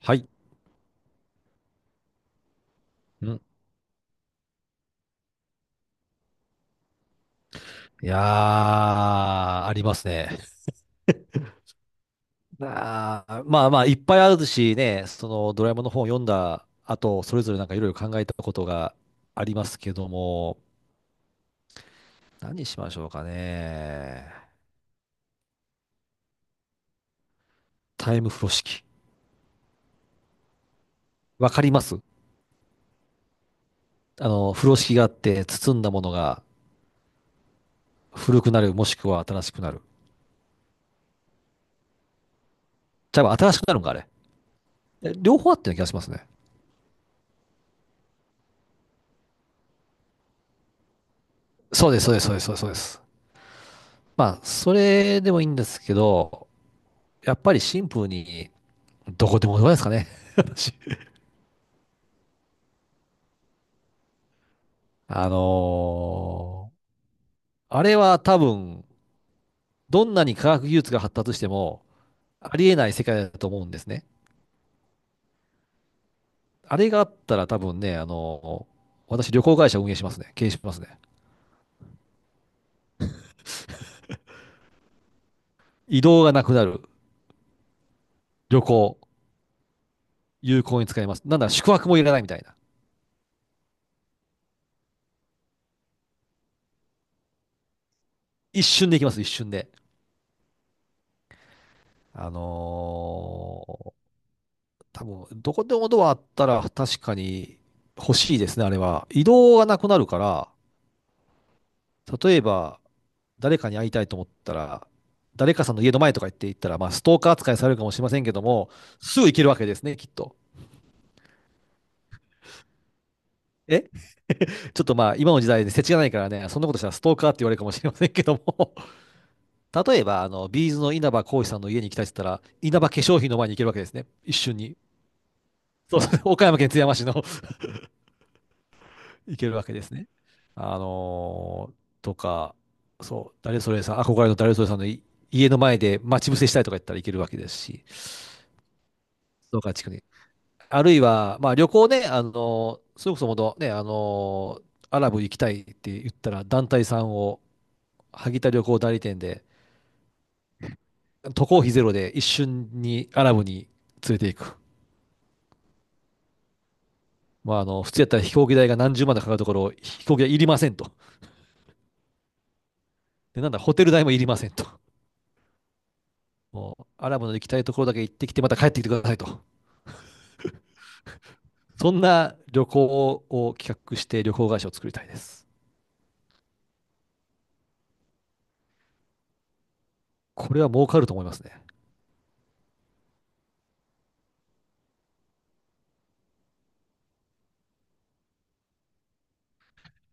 はい。うん。いやー、ありますね。あーまあまあ、いっぱいあるしね、そのドラえもんの本を読んだ後、それぞれなんかいろいろ考えたことがありますけども、何にしましょうかね。タイム風呂敷。わかります。あの、風呂敷があって、包んだものが古くなる、もしくは新しくなる。じゃあ、新しくなるんか、あれ。両方あったような気がしますね。そうです、そうです、そうです、そうです。そうです。まあ、それでもいいんですけど、やっぱりシンプルに、どこでもどこですかね。私。あのーあれは多分、どんなに科学技術が発達しても、ありえない世界だと思うんですね。あれがあったら多分ね、私旅行会社運営しますね。経営しますね。移動がなくなる。旅行。有効に使えます。なんだ、宿泊もいらないみたいな。一瞬で行きます、一瞬で。あのー多分、どこでもドアあったら確かに欲しいですね、あれは。移動がなくなるから、例えば、誰かに会いたいと思ったら、誰かさんの家の前とか行って行ったら、まあ、ストーカー扱いされるかもしれませんけども、すぐ行けるわけですね、きっと。えちょっとまあ、今の時代で世知がないからね、そんなことしたらストーカーって言われるかもしれませんけども、例えば、あの、ビーズの稲葉浩志さんの家に行きたいって言ったら、稲葉化粧品の前に行けるわけですね、一瞬に。そうそう、岡山県津山市の 行けるわけですね。とか、そう、誰それさん、憧れの誰それさんの家の前で待ち伏せしたいとか言ったら行けるわけですし、ストーカー地区に。あるいは、まあ、旅行ね、あの、それこそもとね、あの、アラブ行きたいって言ったら、団体さんを、萩田旅行代理店で、渡航費ゼロで一瞬にアラブに連れて行く。まあ、あの、普通やったら飛行機代が何十万とかかるところを、飛行機代いりませんと。で、なんだ、ホテル代もいりませんと。もう、アラブの行きたいところだけ行ってきて、また帰ってきてくださいと。そんな旅行を企画して旅行会社を作りたいです。これは儲かると思いますね。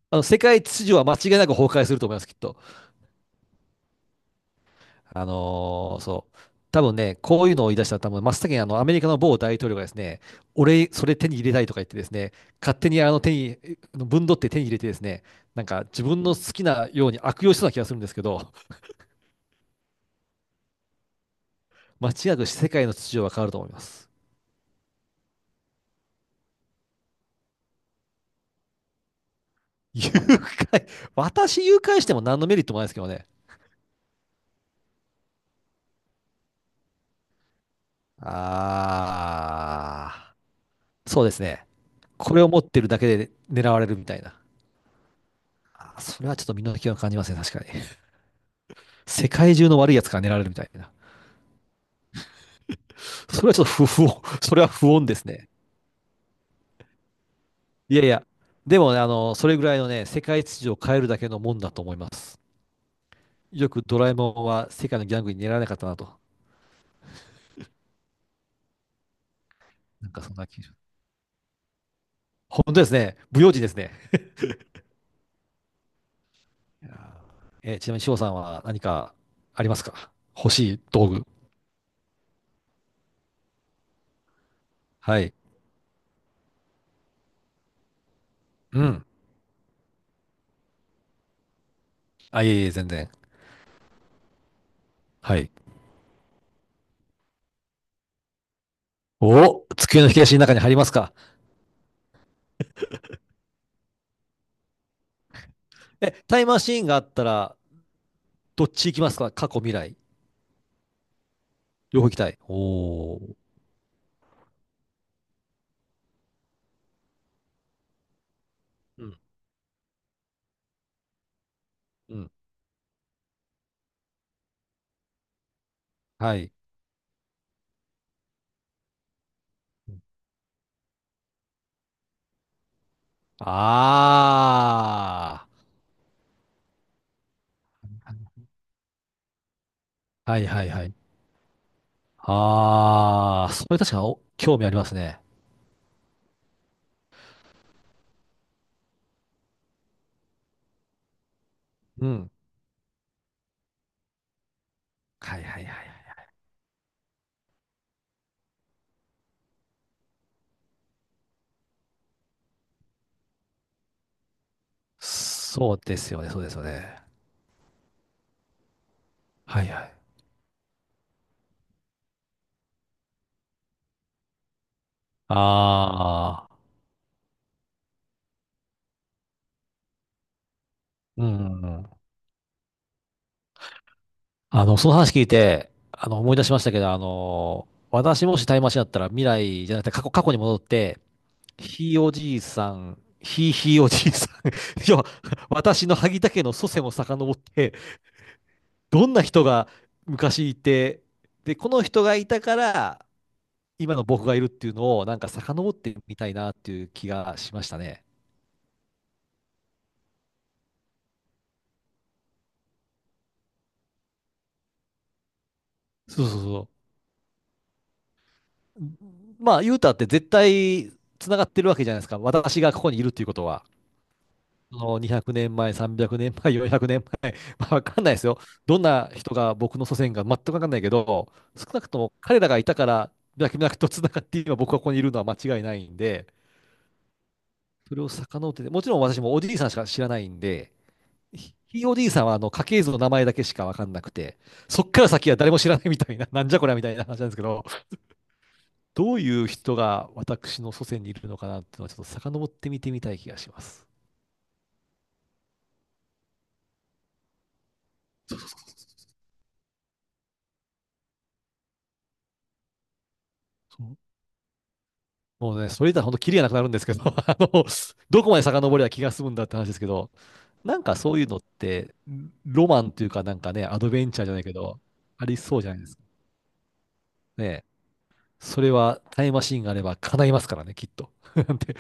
あの、世界秩序は間違いなく崩壊すると思います、きっと。そう。多分ね、こういうのを言い出したら多分真っ先にあのアメリカの某大統領がですね、俺、それ手に入れたいとか言ってですね、勝手にあの手に、あのぶ分取って手に入れてですね、なんか自分の好きなように悪用しそうな気がするんですけど、間違いなく世界の秩序は変わると思います。誘拐、私誘拐しても何のメリットもないですけどね。あー、そうですね。これを持ってるだけで狙われるみたいな。あー、それはちょっと身の危険を感じますね、確かに。世界中の悪いやつから狙われるみたいな。それはちょっと不穏、それは不穏ですね。いやいや、でもね、あの、それぐらいのね、世界秩序を変えるだけのもんだと思います。よくドラえもんは世界のギャングに狙われなかったなと。なんかそんな気がします。本当ですね。不用心ですね。いやー、ちなみに翔さんは何かありますか、欲しい道具。はい。うん。あ、いえいえ、全然。はい。お、机の引き出しの中に入りますか。え、タイムマシーンがあったら、どっち行きますか、過去、未来。両方行きたい。おー。うん。うん。はい。ああ。はいはいはい。ああ、それ確かにお興味ありますね。うん。はいはいはいはい。そうですよね、そうですよね。はいはい。ああ、うんうんうん。あの、その話聞いて、あの、思い出しましたけど、あの、私もしタイムマシンだったら未来じゃなくて過去に戻って、ひいおじいさん、ひいひいおじいさん、要は、私の萩田家の祖先を遡って、どんな人が昔いて、で、この人がいたから、今の僕がいるっていうのを、なんか遡ってみたいなっていう気がしましたね。そうそうそう。まあ、ユータって絶対つながってるわけじゃないですか。私がここにいるっていうことは。その200年前、300年前、400年前、まあ、わかんないですよ。どんな人が僕の祖先が全くわかんないけど、少なくとも彼らがいたから、脈々とつながって今僕がここにいるのは間違いないんで、それを遡ってて、もちろん私もおじいさんしか知らないんで、ひ o いおじいさんはあの家系図の名前だけしか分かんなくて、そっから先は誰も知らないみたいな、なんじゃこりゃみたいな話なんですけど、どういう人が私の祖先にいるのかなっていうのは、ちょっと遡って見てみたい気がします。そう。もうね、それ言ったら本当、キリがなくなるんですけど、あの、どこまで遡りゃ気が済むんだって話ですけど、なんかそういうのって、ロマンというか、なんかね、アドベンチャーじゃないけど、ありそうじゃないですか。ね。それはタイムマシーンがあれば叶いますからね、きっと。なんて、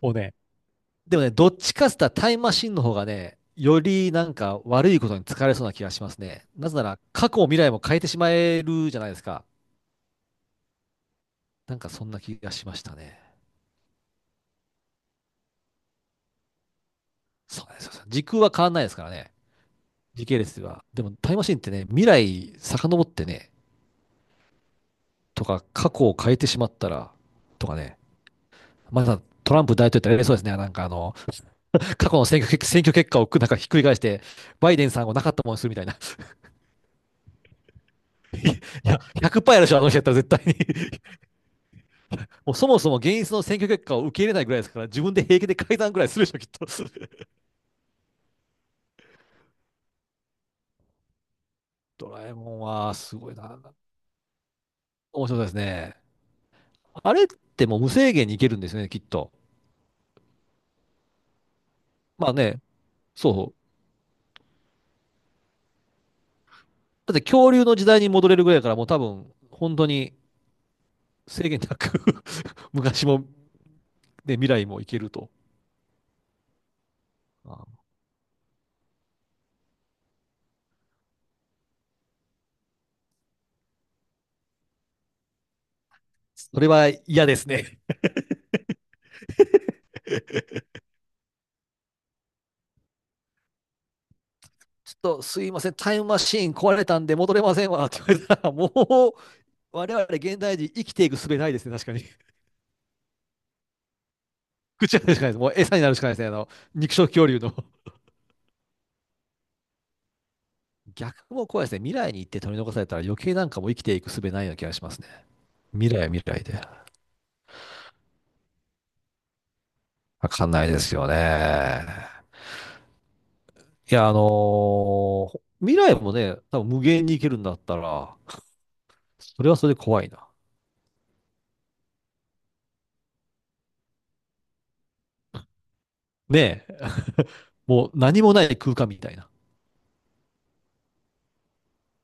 もうね、でもね、どっちかっつったらタイムマシンの方がね、よりなんか悪いことに疲れそうな気がしますね。なぜなら過去も未来も変えてしまえるじゃないですか。なんかそんな気がしましたね。そうなんですよ。時空は変わんないですからね。時系列は。でもタイムマシンってね、未来遡ってね、とか過去を変えてしまったら、とかね。まだトランプ大統領ってあれそうですね。なんかあの、過去の選挙結果をなんかひっくり返して、バイデンさんをなかったものにするみたいな。いや、100%やるでしょ、あの人やったら絶対に もうそもそも現実の選挙結果を受け入れないぐらいですから、自分で平気で改ざんぐらいするでしょ、きっと。ドラえもんはすごいな。面白いですね。あれってもう無制限にいけるんですよね、きっと。まあね、そう。だって恐竜の時代に戻れるぐらいだから、もう多分、本当に制限なく 昔も、ね、未来もいけると。まあ、それは嫌ですね。ちょっとすいません、タイムマシーン壊れたんで戻れませんわって言われたら、もう我々現代人生きていく術ないですね、確かに。口が出るしかないです。もう餌になるしかないですね。あの、肉食恐竜の。逆も怖いですね。未来に行って取り残されたら余計なんかもう生きていく術ないような気がしますね。未来は未来で。わかんないですよね。いや、未来もね、多分無限に行けるんだったら、それはそれで怖いな。ねえ、もう何もない空間みたいな。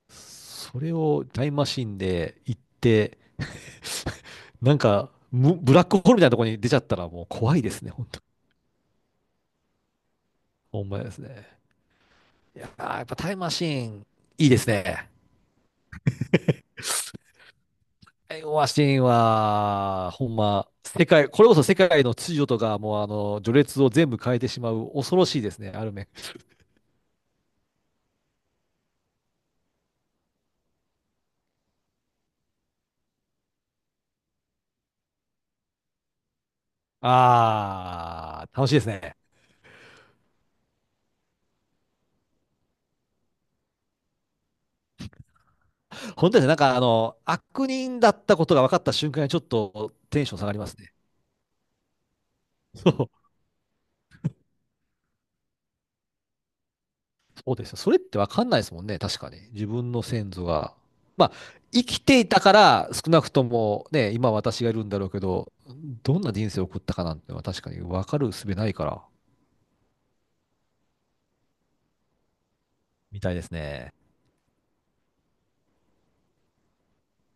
それをタイムマシンで行って、なんか、ブラックホールみたいなところに出ちゃったらもう怖いですね、本当。ほんまですね。あー、やっぱタイムマシーン、いいですね。タイムマシーンは、ほんま、世界、これこそ世界の秩序とか、もうあの、序列を全部変えてしまう、恐ろしいですね、ある面。あー、楽しいですね。本当ですね、なんかあの、悪人だったことが分かった瞬間にちょっとテンション下がりますね。そう。そうですよ。それってわかんないですもんね。確かに。自分の先祖が。まあ、生きていたから、少なくともね、今私がいるんだろうけど、どんな人生を送ったかなんてのは確かにわかる術ないから。みたいですね。